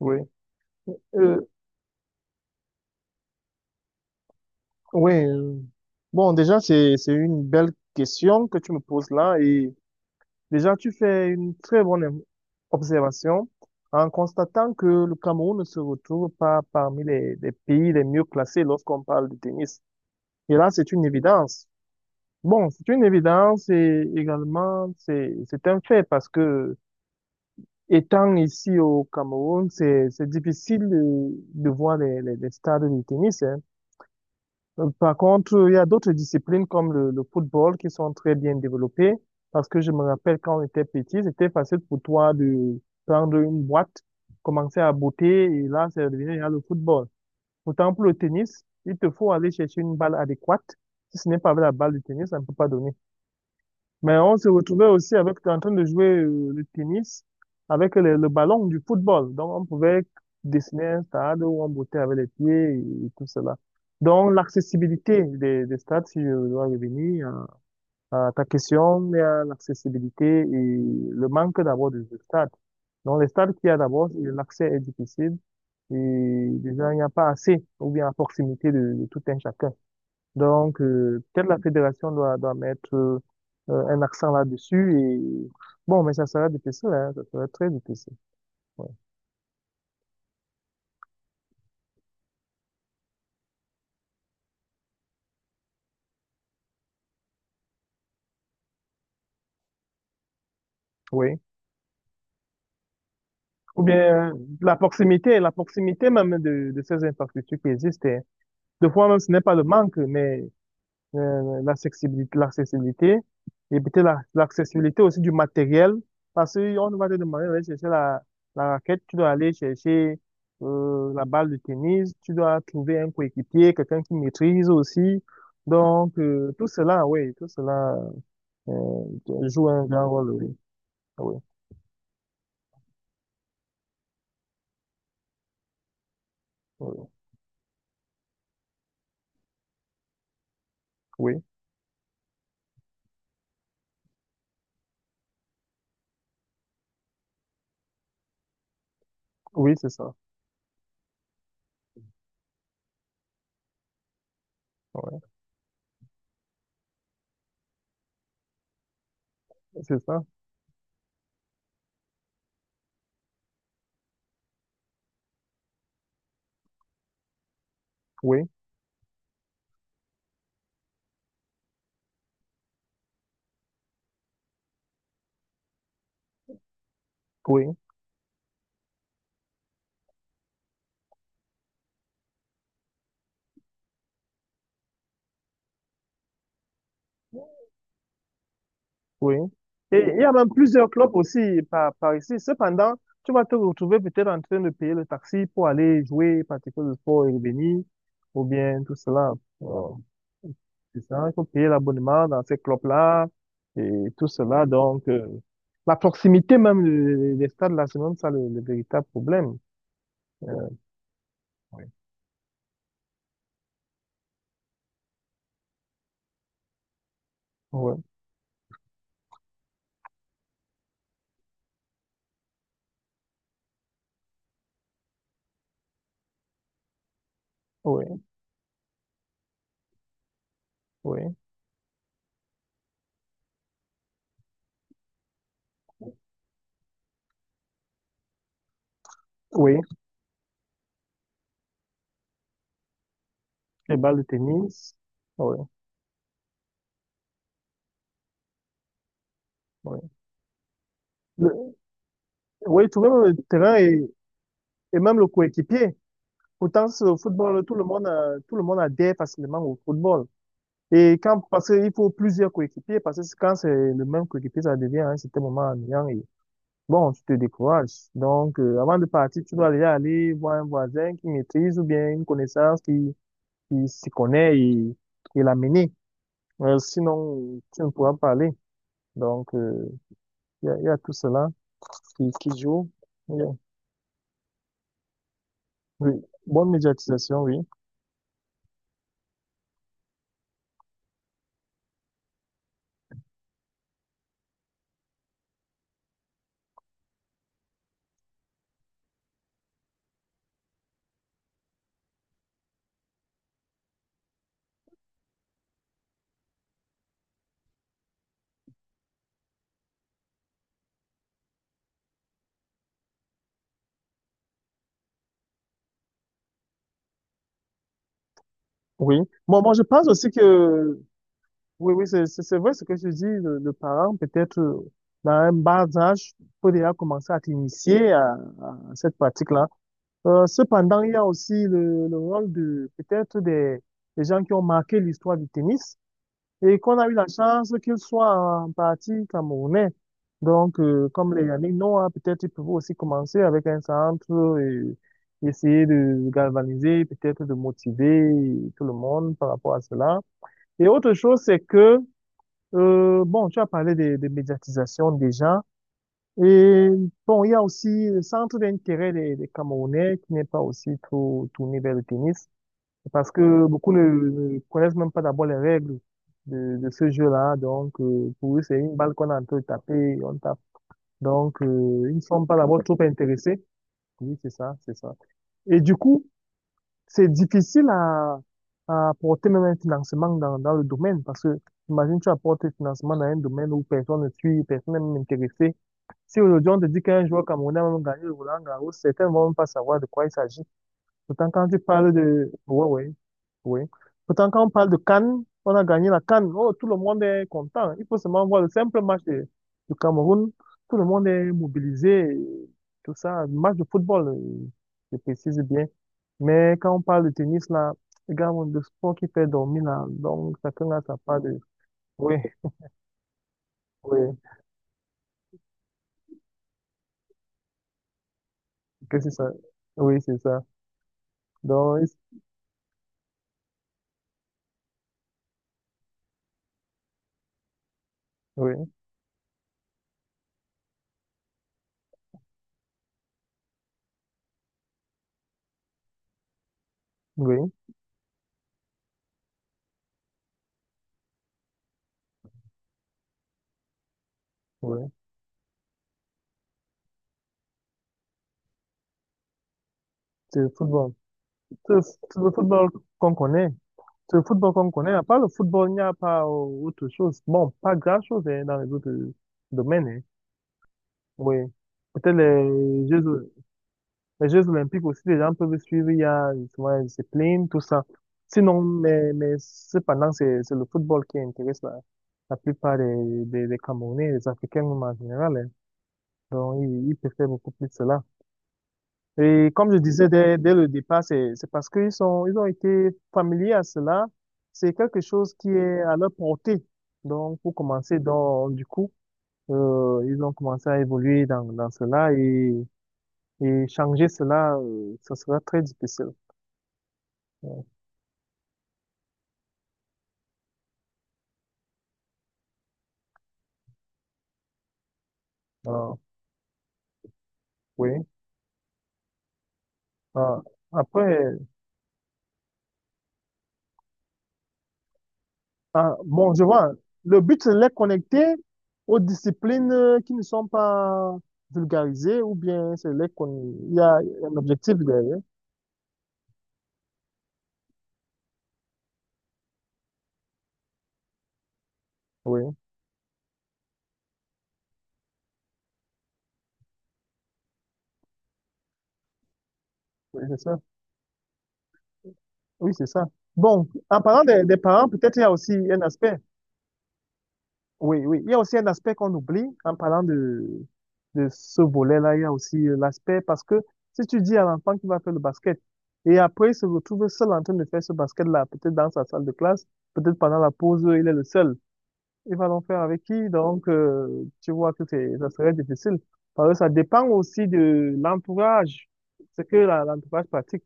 Oui, euh, oui. euh, Bon, déjà, c'est une belle question que tu me poses là. Et déjà, tu fais une très bonne observation en constatant que le Cameroun ne se retrouve pas parmi les pays les mieux classés lorsqu'on parle de tennis. Et là, c'est une évidence. Bon, c'est une évidence et également, c'est un fait parce que étant ici au Cameroun, c'est difficile de voir les stades de tennis, hein. Par contre, il y a d'autres disciplines comme le football qui sont très bien développées parce que je me rappelle quand on était petit, c'était facile pour toi de prendre une boîte, commencer à botter et là, c'est devenu là, le football. Pourtant, pour le tennis, il te faut aller chercher une balle adéquate. Si ce n'est pas avec la balle de tennis, ça ne peut pas donner. Mais on se retrouvait aussi avec, t'es en train de jouer le tennis avec le ballon du football. Donc, on pouvait dessiner un stade où on bottait avec les pieds et tout cela. Donc, l'accessibilité des stades, si je dois revenir à ta question, il y a l'accessibilité et le manque d'abord de stades. Donc, les stades qu'il y a d'abord, l'accès est difficile et déjà, il n'y a pas assez ou bien à proximité de tout un chacun. Donc, peut-être la fédération doit mettre un accent là-dessus et bon, mais ça sera difficile, hein, ça sera très difficile. Ouais. Oui. Ou bien la proximité même de ces infrastructures qui existent, hein. Des fois même, ce n'est pas le manque, mais l'accessibilité, l'accessibilité, éviter l'accessibilité aussi du matériel, parce qu'on va te demander d'aller chercher la raquette, tu dois aller chercher la balle de tennis, tu dois trouver un coéquipier, quelqu'un qui maîtrise aussi. Donc, tout cela, oui, tout cela joue un grand rôle, oui. Oui, oui, oui, oui, c'est ça. Oui, c'est ça. Oui, oui. Oui. Et il y a même plusieurs clubs aussi par ici. Cependant, tu vas te retrouver peut-être en train de payer le taxi pour aller jouer, pratiquer le sport et revenir, ou bien tout cela. Euh, C'est ça, il faut payer l'abonnement dans ces clubs-là et tout cela. Donc, la proximité même des stades, là, c'est même ça le véritable problème. Euh, Oui. Oui, oui, oui, oui. Les balles de tennis, oui, oui. Le- oui, tu vois, le terrain et même le coéquipier. Pourtant, c'est au football, tout le monde adhère facilement au football. Et quand, parce qu'il faut plusieurs coéquipiers, parce que quand c'est le même coéquipier, ça devient à un certain moment ennuyant et bon, tu te décourages. Donc, avant de partir, tu dois déjà aller voir un voisin qui maîtrise ou bien une connaissance qui s'y connaît et l'amener. Sinon, tu ne pourras pas aller. Donc, il y a tout cela qui joue. Il y a- oui. Bonne médiatisation, oui. Oui. Bon, moi, je pense aussi que oui, oui, c'est vrai ce que je dis. Le parent, peut-être dans un bas âge, peut déjà commencer à t'initier à cette pratique-là. Cependant, il y a aussi le rôle de peut-être des gens qui ont marqué l'histoire du tennis et qu'on a eu la chance qu'ils soient en partie camerounais. Donc, comme les Yannick Noah, peut-être ils peuvent aussi commencer avec un centre et essayer de galvaniser, peut-être de motiver tout le monde par rapport à cela. Et autre chose, c'est que bon, tu as parlé de médiatisation déjà. Et bon, il y a aussi le centre d'intérêt des Camerounais qui n'est pas aussi trop tourné vers le tennis parce que beaucoup ne connaissent même pas d'abord les règles de ce jeu-là. Donc, pour eux, c'est une balle qu'on est en train de taper, on tape. Donc, ils ne sont pas d'abord trop intéressés. Oui, c'est ça, c'est ça. Et du coup, c'est difficile à apporter même un financement dans le domaine parce que, imagine, tu apportes un financement dans un domaine où personne ne suit, personne n'est même intéressé. Si aujourd'hui on te dit qu'un joueur camerounais va même gagner le Roland Garros, certains vont même pas savoir de quoi il s'agit. Pourtant, quand tu parles de... Oui, oui, oui. Pourtant, quand on parle de Cannes, on a gagné la Cannes. Oh, tout le monde est content. Il faut seulement voir le simple du Cameroun. Tout le monde est mobilisé. Tout ça, le match de football, je précise bien. Mais quand on parle de tennis, là, les gars, le sport qui fait dormir, là, donc chacun a sa part de... Oui, oui, que c'est ça. Oui, c'est ça. Donc, oui, oui, oui. C'est le football. C'est le football qu'on connaît. C'est le football qu'on connaît. À part le football, il n'y a pas autre chose. Bon, pas grand-chose hein, dans les autres domaines, hein. Oui. Peut-être les Jeux Olympiques aussi, les gens peuvent suivre. Il y a justement la discipline, tout ça. Sinon, mais cependant, c'est le football qui intéresse la plupart des Camerounais, des Africains même en général, hein. Donc, ils préfèrent beaucoup plus cela. Et comme je disais dès le départ, c'est parce qu'ils sont, ils ont été familiers à cela. C'est quelque chose qui est à leur portée. Donc, pour commencer, donc, du coup, ils ont commencé à évoluer dans cela et changer cela, ça sera très difficile. Donc, euh, oui. Ah, après, ah, bon, je vois, le but, c'est de les connecter aux disciplines qui ne sont pas vulgarisées ou bien c'est les con... il y a un objectif derrière. Oui, oui, c'est ça. Oui, c'est ça. Bon, en parlant des parents, peut-être il y a aussi un aspect. Oui, oui. Il y a aussi un aspect qu'on oublie en parlant de ce volet-là. Il y a aussi l'aspect parce que si tu dis à l'enfant qu'il va faire le basket et après il se retrouve seul en train de faire ce basket-là, peut-être dans sa salle de classe, peut-être pendant la pause, il est le seul. Il va donc faire avec qui? Donc, tu vois que c'est, ça serait difficile. Parce que ça dépend aussi de l'entourage, ce que l'entourage pratique.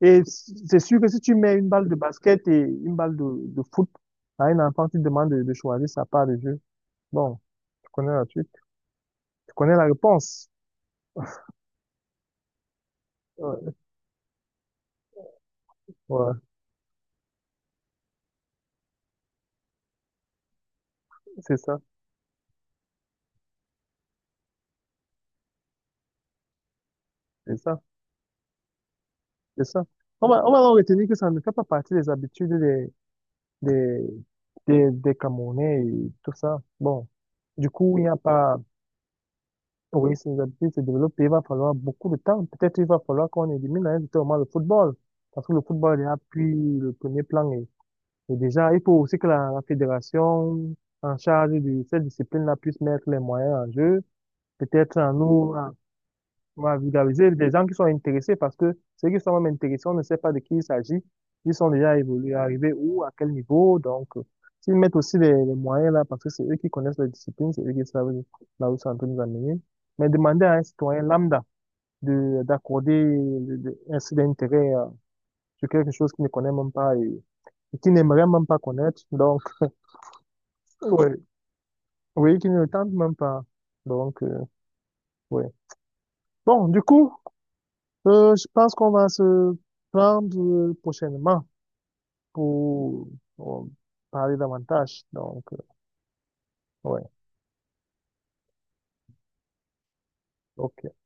Et c'est sûr que si tu mets une balle de basket et une balle de foot à un enfant, tu demandes de choisir sa part de jeu. Bon, tu connais la suite. Tu connais la réponse. Ouais, ouais, c'est ça, c'est ça, c'est ça. On va en retenir que ça ne fait pas partie des habitudes des, des Camerounais et tout ça. Bon, du coup, il n'y a pas, pour que ces habitudes se développent, il va falloir beaucoup de temps. Peut-être il va falloir qu'on élimine à un certain totalement le football. Parce que le football est là, puis le premier plan est. Et déjà, il faut aussi que la fédération en charge de cette discipline-là puisse mettre les moyens en jeu, peut-être en nous, à vulgariser des gens qui sont intéressés, parce que ceux qui sont même intéressés, on ne sait pas de qui il s'agit, ils sont déjà évolués, arrivés où, à quel niveau, donc s'ils mettent aussi les moyens là, parce que c'est eux qui connaissent la discipline, c'est eux qui savent là où ils sont en train de nous amener, mais demander à un citoyen lambda de ainsi d'intérêt sur quelque chose qu'il ne connaît même pas et, et qu'il n'aimerait même pas connaître, donc ouais. Oui, qui ne le tente même pas. Donc, ouais. Bon, du coup, je pense qu'on va se prendre prochainement pour, euh, parler davantage. Donc, ouais, ok.